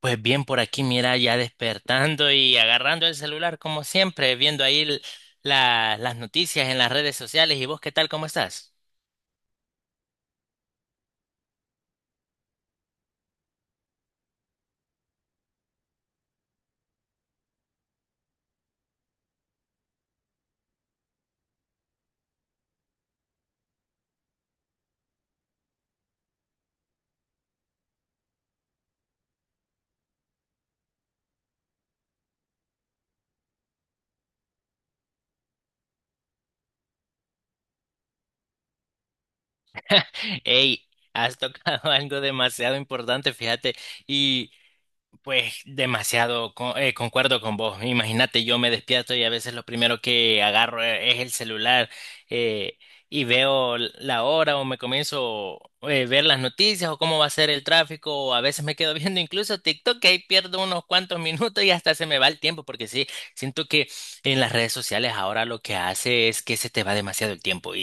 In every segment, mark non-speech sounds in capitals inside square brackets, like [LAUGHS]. Pues bien, por aquí, mira, ya despertando y agarrando el celular como siempre, viendo ahí las noticias en las redes sociales. ¿Y vos qué tal? ¿Cómo estás? [LAUGHS] Ey, has tocado [LAUGHS] algo demasiado importante, fíjate. Pues demasiado, concuerdo con vos. Imagínate, yo me despierto y a veces lo primero que agarro es el celular eh, y veo la hora o me comienzo a ver las noticias o cómo va a ser el tráfico o a veces me quedo [LAUGHS] viendo incluso TikTok, que ahí pierdo unos cuantos minutos y hasta se me va el tiempo, porque sí, siento que en las redes sociales ahora lo que hace es que se te va demasiado el tiempo,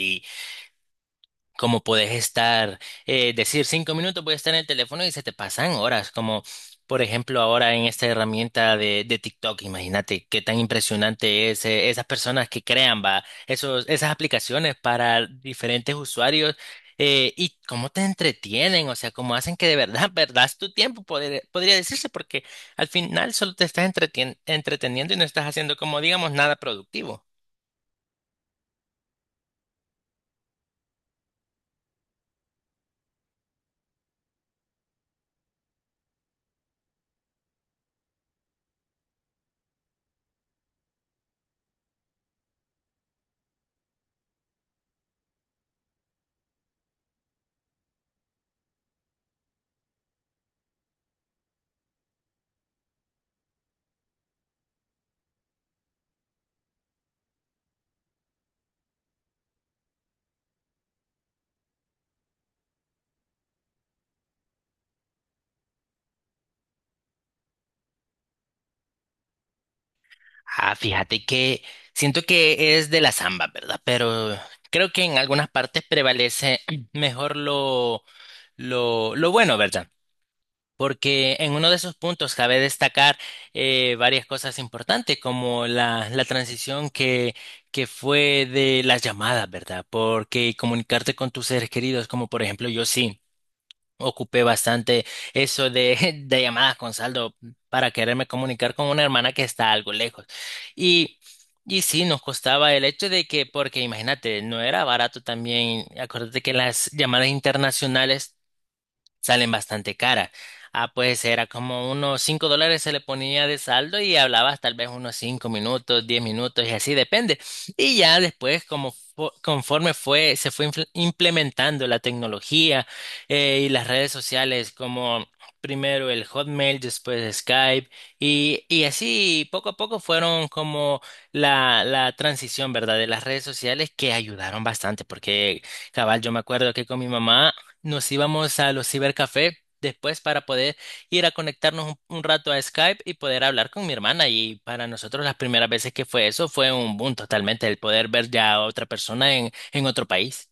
como puedes estar, decir 5 minutos, puedes estar en el teléfono y se te pasan horas, como por ejemplo ahora en esta herramienta de TikTok. Imagínate qué tan impresionante es, esas personas que crean, va, esas aplicaciones para diferentes usuarios, y cómo te entretienen, o sea, cómo hacen que de verdad [LAUGHS] perdas tu tiempo, podría decirse, porque al final solo te estás entreteniendo y no estás haciendo, como digamos, nada productivo. Ah, fíjate que siento que es de la samba, ¿verdad? Pero creo que en algunas partes prevalece [CLEARS THROAT] mejor lo bueno, ¿verdad? Porque en uno de esos puntos cabe destacar, varias cosas importantes, como la transición que fue de las llamadas, ¿verdad? Porque comunicarte con tus seres queridos, como por ejemplo, yo sí ocupé bastante eso de, [LAUGHS] de llamadas con saldo para quererme comunicar con una hermana que está algo lejos. Y, y sí, nos costaba el hecho de que, porque imagínate, no era barato también. Acuérdate que las llamadas internacionales salen bastante cara. Ah, pues era como unos $5 se le ponía de saldo y hablabas tal vez unos 5 minutos, 10 minutos y así depende. Y ya después, como conforme fue, se fue implementando la tecnología, y las redes sociales, como primero el Hotmail, después Skype, y así poco a poco fueron como la transición, ¿verdad? De las redes sociales, que ayudaron bastante porque... Cabal, yo me acuerdo que con mi mamá nos íbamos a los cibercafé después para poder ir a conectarnos un rato a Skype y poder hablar con mi hermana. Y para nosotros las primeras veces que fue eso fue un boom totalmente, el poder ver ya a otra persona en otro país.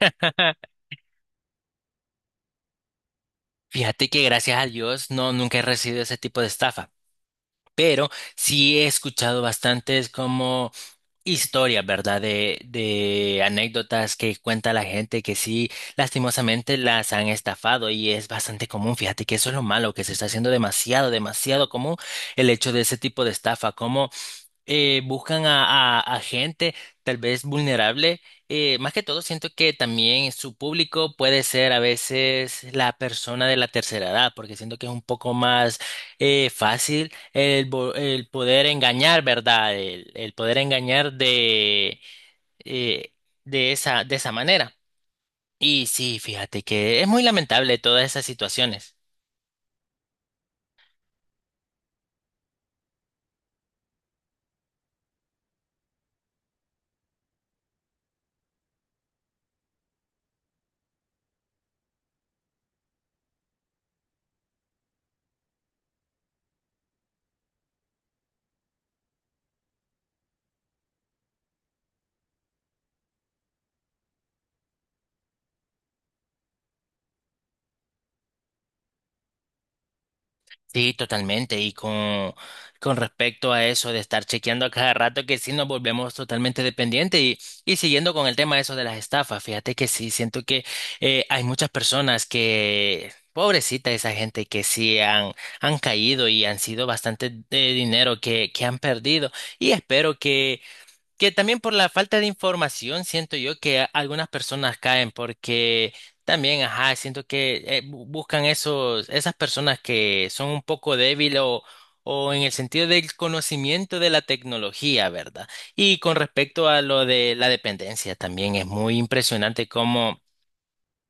[LAUGHS] Fíjate que, gracias a Dios, no, nunca he recibido ese tipo de estafa, pero sí he escuchado bastantes como historias, ¿verdad? De anécdotas que cuenta la gente que sí, lastimosamente las han estafado, y es bastante común. Fíjate que eso es lo malo, que se está haciendo demasiado, demasiado común el hecho de ese tipo de estafa. Buscan a gente tal vez vulnerable. Más que todo, siento que también su público puede ser a veces la persona de la tercera edad, porque siento que es un poco más, fácil el poder engañar, ¿verdad? El poder engañar eh, de esa manera. Y sí, fíjate que es muy lamentable todas esas situaciones. Sí, totalmente. Y con respecto a eso de estar chequeando a cada rato, que sí nos volvemos totalmente dependientes. Y siguiendo con el tema de eso de las estafas, fíjate que sí, siento que, hay muchas personas que, pobrecita esa gente, que sí han caído y han sido bastante de dinero que han perdido. Y espero que también por la falta de información, siento yo que algunas personas caen porque también, ajá, siento que, buscan esas personas que son un poco débiles o en el sentido del conocimiento de la tecnología, ¿verdad? Y con respecto a lo de la dependencia, también es muy impresionante cómo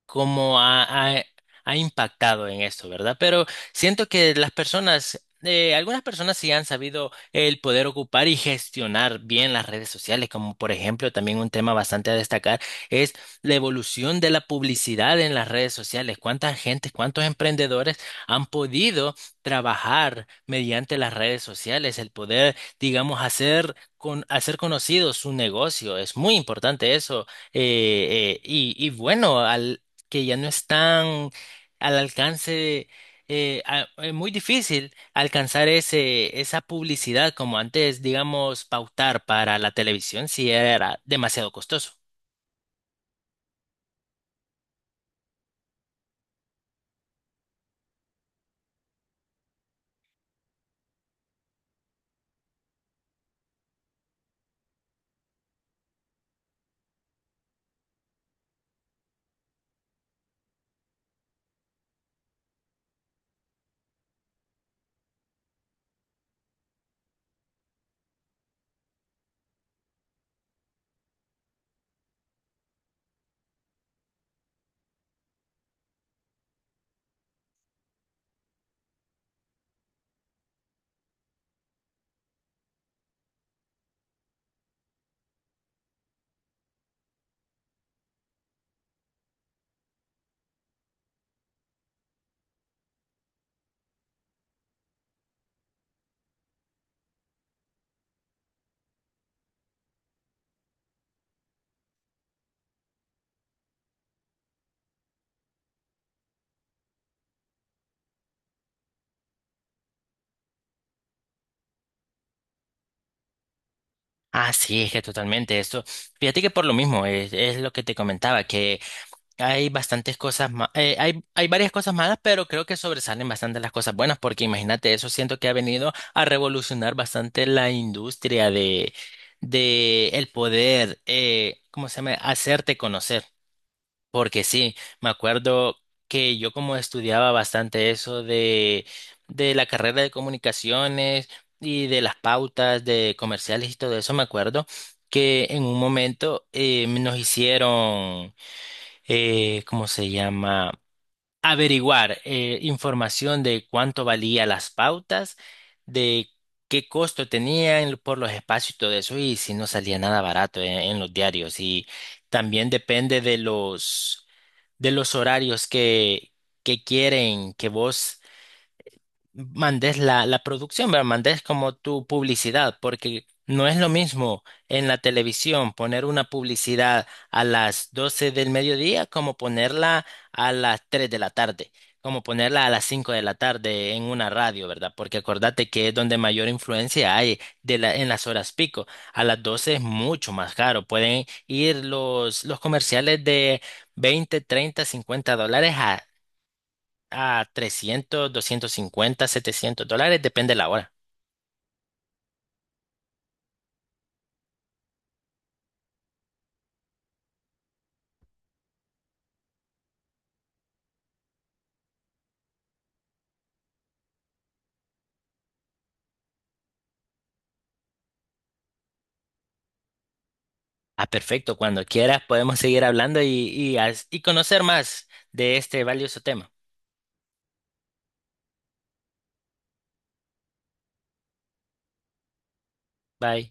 cómo ha, ha- ha impactado en esto, ¿verdad? Pero siento que las personas, algunas personas sí han sabido el poder ocupar y gestionar bien las redes sociales, como por ejemplo, también un tema bastante a destacar es la evolución de la publicidad en las redes sociales. ¿Cuántas gentes, cuántos emprendedores han podido trabajar mediante las redes sociales, el poder, digamos, hacer con hacer conocido su negocio? Es muy importante eso. Y bueno, que ya no están al alcance. Es muy difícil alcanzar esa publicidad como antes. Digamos, pautar para la televisión, si era demasiado costoso. Ah, sí, es que totalmente esto. Fíjate que por lo mismo es lo que te comentaba. Hay bastantes hay varias cosas malas, pero creo que sobresalen bastante las cosas buenas, porque imagínate, eso siento que ha venido a revolucionar bastante la industria de el poder, ¿cómo se llama? Hacerte conocer. Porque sí, me acuerdo que yo, como estudiaba bastante eso de la carrera de comunicaciones y de las pautas de comerciales y todo eso, me acuerdo que en un momento, nos hicieron, ¿cómo se llama? Averiguar, información de cuánto valía las pautas, de qué costo tenían por los espacios y todo eso, y si no salía nada barato en los diarios. Y también depende de de los horarios que quieren que vos mandes la producción, ¿verdad? Mandes como tu publicidad, porque no es lo mismo en la televisión poner una publicidad a las 12 del mediodía, como ponerla a las 3 de la tarde, como ponerla a las 5 de la tarde en una radio, ¿verdad? Porque acordate que es donde mayor influencia hay de la, en las horas pico. A las 12 es mucho más caro. Pueden ir los comerciales de $20, $30, $50 a $300, $250, $700, depende de la hora. Ah, perfecto, cuando quieras podemos seguir hablando y, y conocer más de este valioso tema. Bye.